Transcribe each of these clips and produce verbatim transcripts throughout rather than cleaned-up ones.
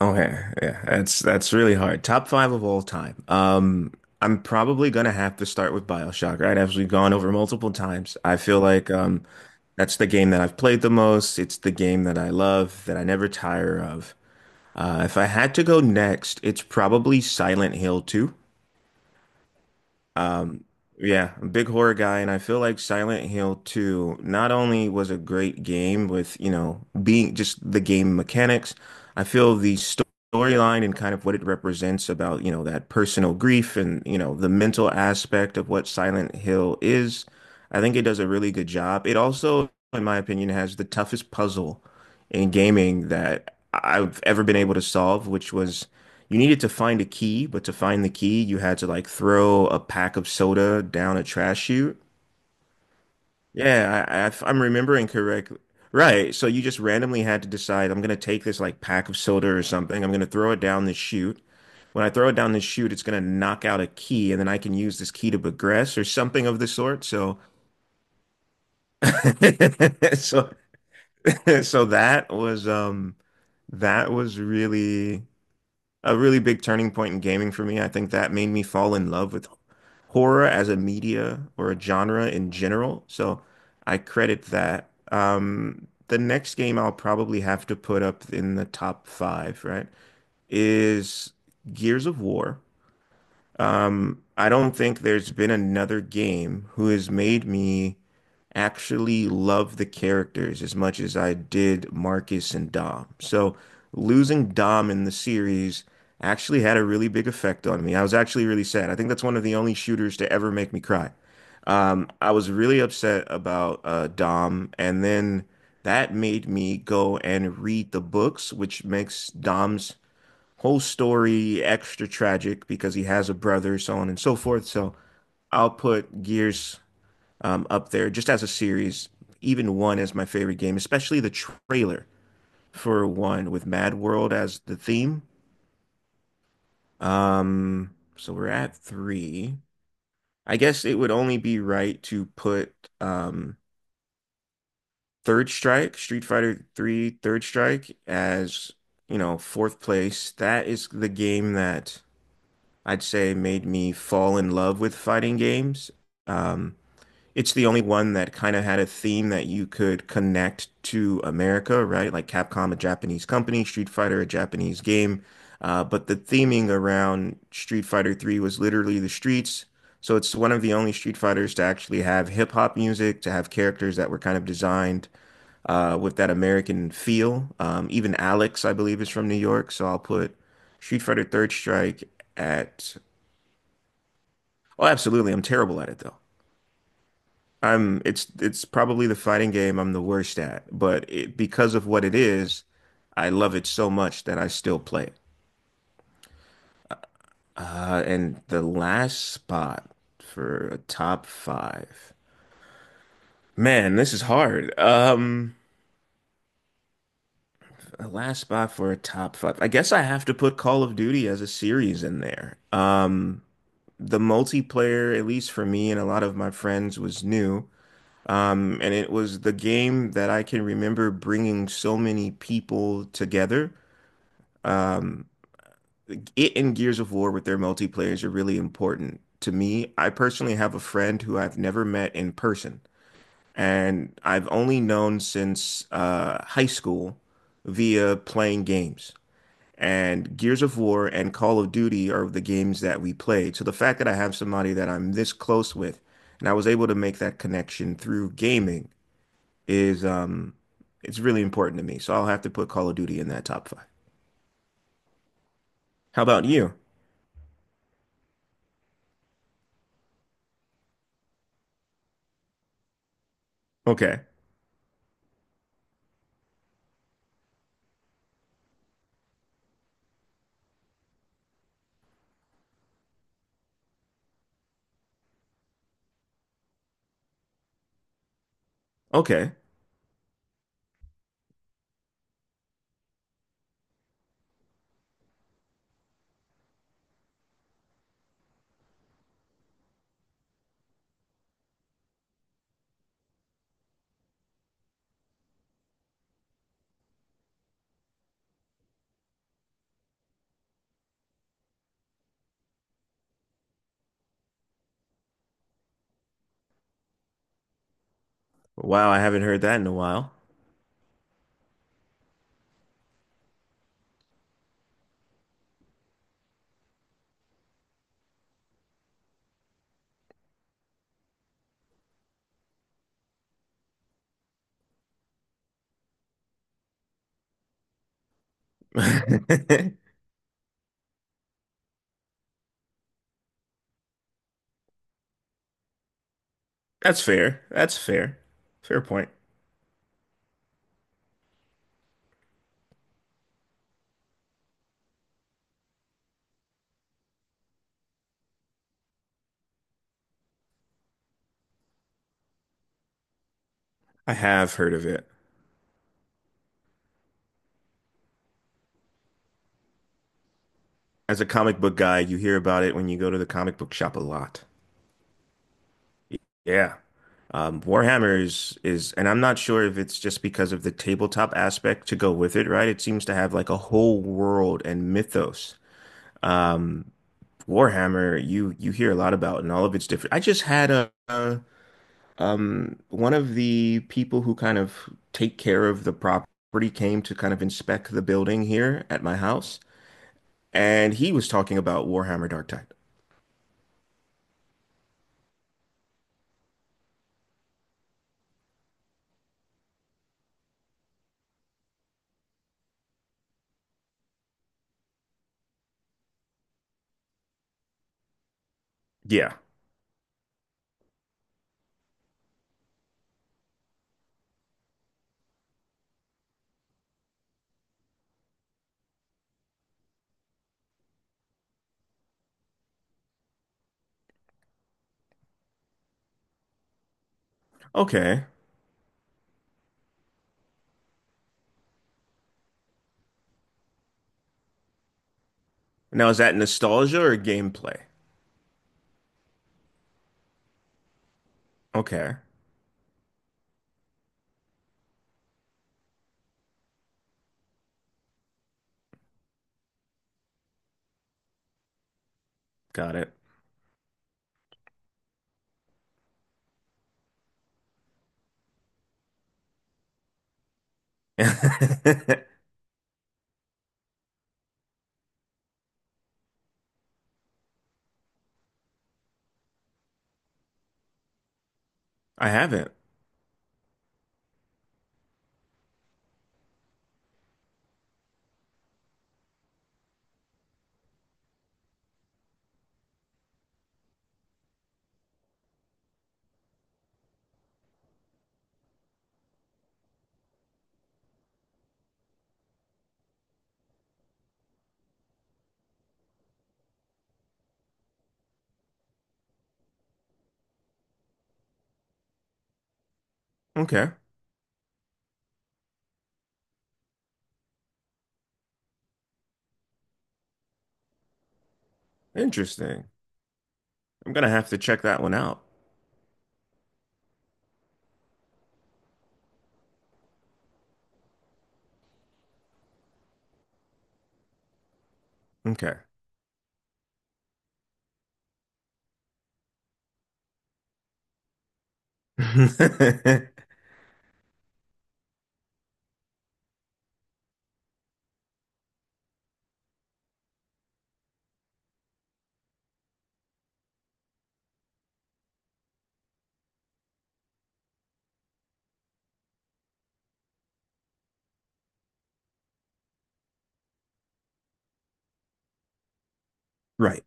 Okay, yeah, that's that's really hard. Top five of all time. Um, I'm probably gonna have to start with BioShock, right? As we've gone over multiple times, I feel like um, that's the game that I've played the most. It's the game that I love, that I never tire of. Uh, if I had to go next, it's probably Silent Hill two. Yeah, I'm a big horror guy, and I feel like Silent Hill two not only was a great game with, you know, being just the game mechanics. I feel the sto- storyline and kind of what it represents about, you know, that personal grief and, you know, the mental aspect of what Silent Hill is. I think it does a really good job. It also, in my opinion, has the toughest puzzle in gaming that I've ever been able to solve, which was you needed to find a key, but to find the key, you had to like throw a pack of soda down a trash chute. Yeah, I, I, if I'm remembering correctly. Right. So you just randomly had to decide, I'm going to take this like pack of soda or something. I'm going to throw it down this chute. When I throw it down this chute, it's going to knock out a key, and then I can use this key to progress or something of the sort. So, so, so that was um that was really a really big turning point in gaming for me. I think that made me fall in love with horror as a media or a genre in general. So I credit that. Um, the next game I'll probably have to put up in the top five, right, is Gears of War. Um, I don't think there's been another game who has made me actually love the characters as much as I did Marcus and Dom. So losing Dom in the series actually had a really big effect on me. I was actually really sad. I think that's one of the only shooters to ever make me cry. Um, I was really upset about uh, Dom, and then that made me go and read the books, which makes Dom's whole story extra tragic because he has a brother, so on and so forth. So I'll put Gears um, up there just as a series, even one is my favorite game, especially the trailer for one with Mad World as the theme. Um, so we're at three. I guess it would only be right to put um Third Strike, Street Fighter Three, Third Strike as, you know, fourth place. That is the game that I'd say made me fall in love with fighting games. Um, it's the only one that kind of had a theme that you could connect to America, right? Like Capcom, a Japanese company, Street Fighter, a Japanese game. Uh, but the theming around Street Fighter three was literally the streets. So it's one of the only Street Fighters to actually have hip hop music, to have characters that were kind of designed uh, with that American feel. Um, even Alex, I believe, is from New York, so I'll put Street Fighter Third Strike at. Oh, absolutely. I'm terrible at it though. I'm it's it's probably the fighting game I'm the worst at, but it, because of what it is, I love it so much that I still play it. Uh, and the last spot for a top five. Man, this is hard. Um, a last spot for a top five. I guess I have to put Call of Duty as a series in there. Um, the multiplayer, at least for me and a lot of my friends, was new. Um, and it was the game that I can remember bringing so many people together. Um, it and Gears of War with their multiplayers are really important to me. I personally have a friend who I've never met in person, and I've only known since uh, high school via playing games, and Gears of War and Call of Duty are the games that we played. So the fact that I have somebody that I'm this close with and I was able to make that connection through gaming is um it's really important to me. So I'll have to put Call of Duty in that top five. How about you? Okay. Okay. Wow, I haven't heard that in a while. That's fair. That's fair. Fair point. I have heard of it. As a comic book guy, you hear about it when you go to the comic book shop a lot. Yeah. Um, Warhammer is, is, and I'm not sure if it's just because of the tabletop aspect to go with it, right? It seems to have like a whole world and mythos. Warhammer, you you hear a lot about, and all of it's different. I just had a, a um one of the people who kind of take care of the property came to kind of inspect the building here at my house, and he was talking about Warhammer Dark Tide. Yeah. Okay. Now is that nostalgia or gameplay? Okay. Got it. I haven't. Okay. Interesting. I'm gonna have to check that one out. Okay. Right.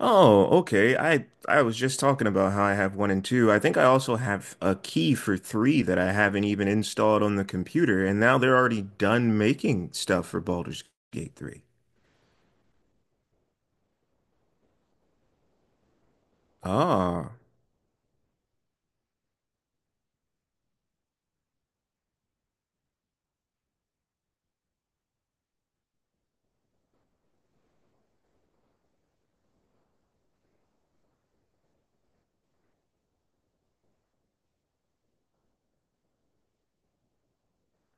Oh, okay. I I was just talking about how I have one and two. I think I also have a key for three that I haven't even installed on the computer, and now they're already done making stuff for Baldur's Gate three. Oh,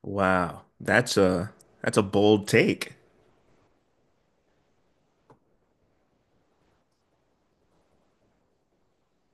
wow. That's a that's a bold take.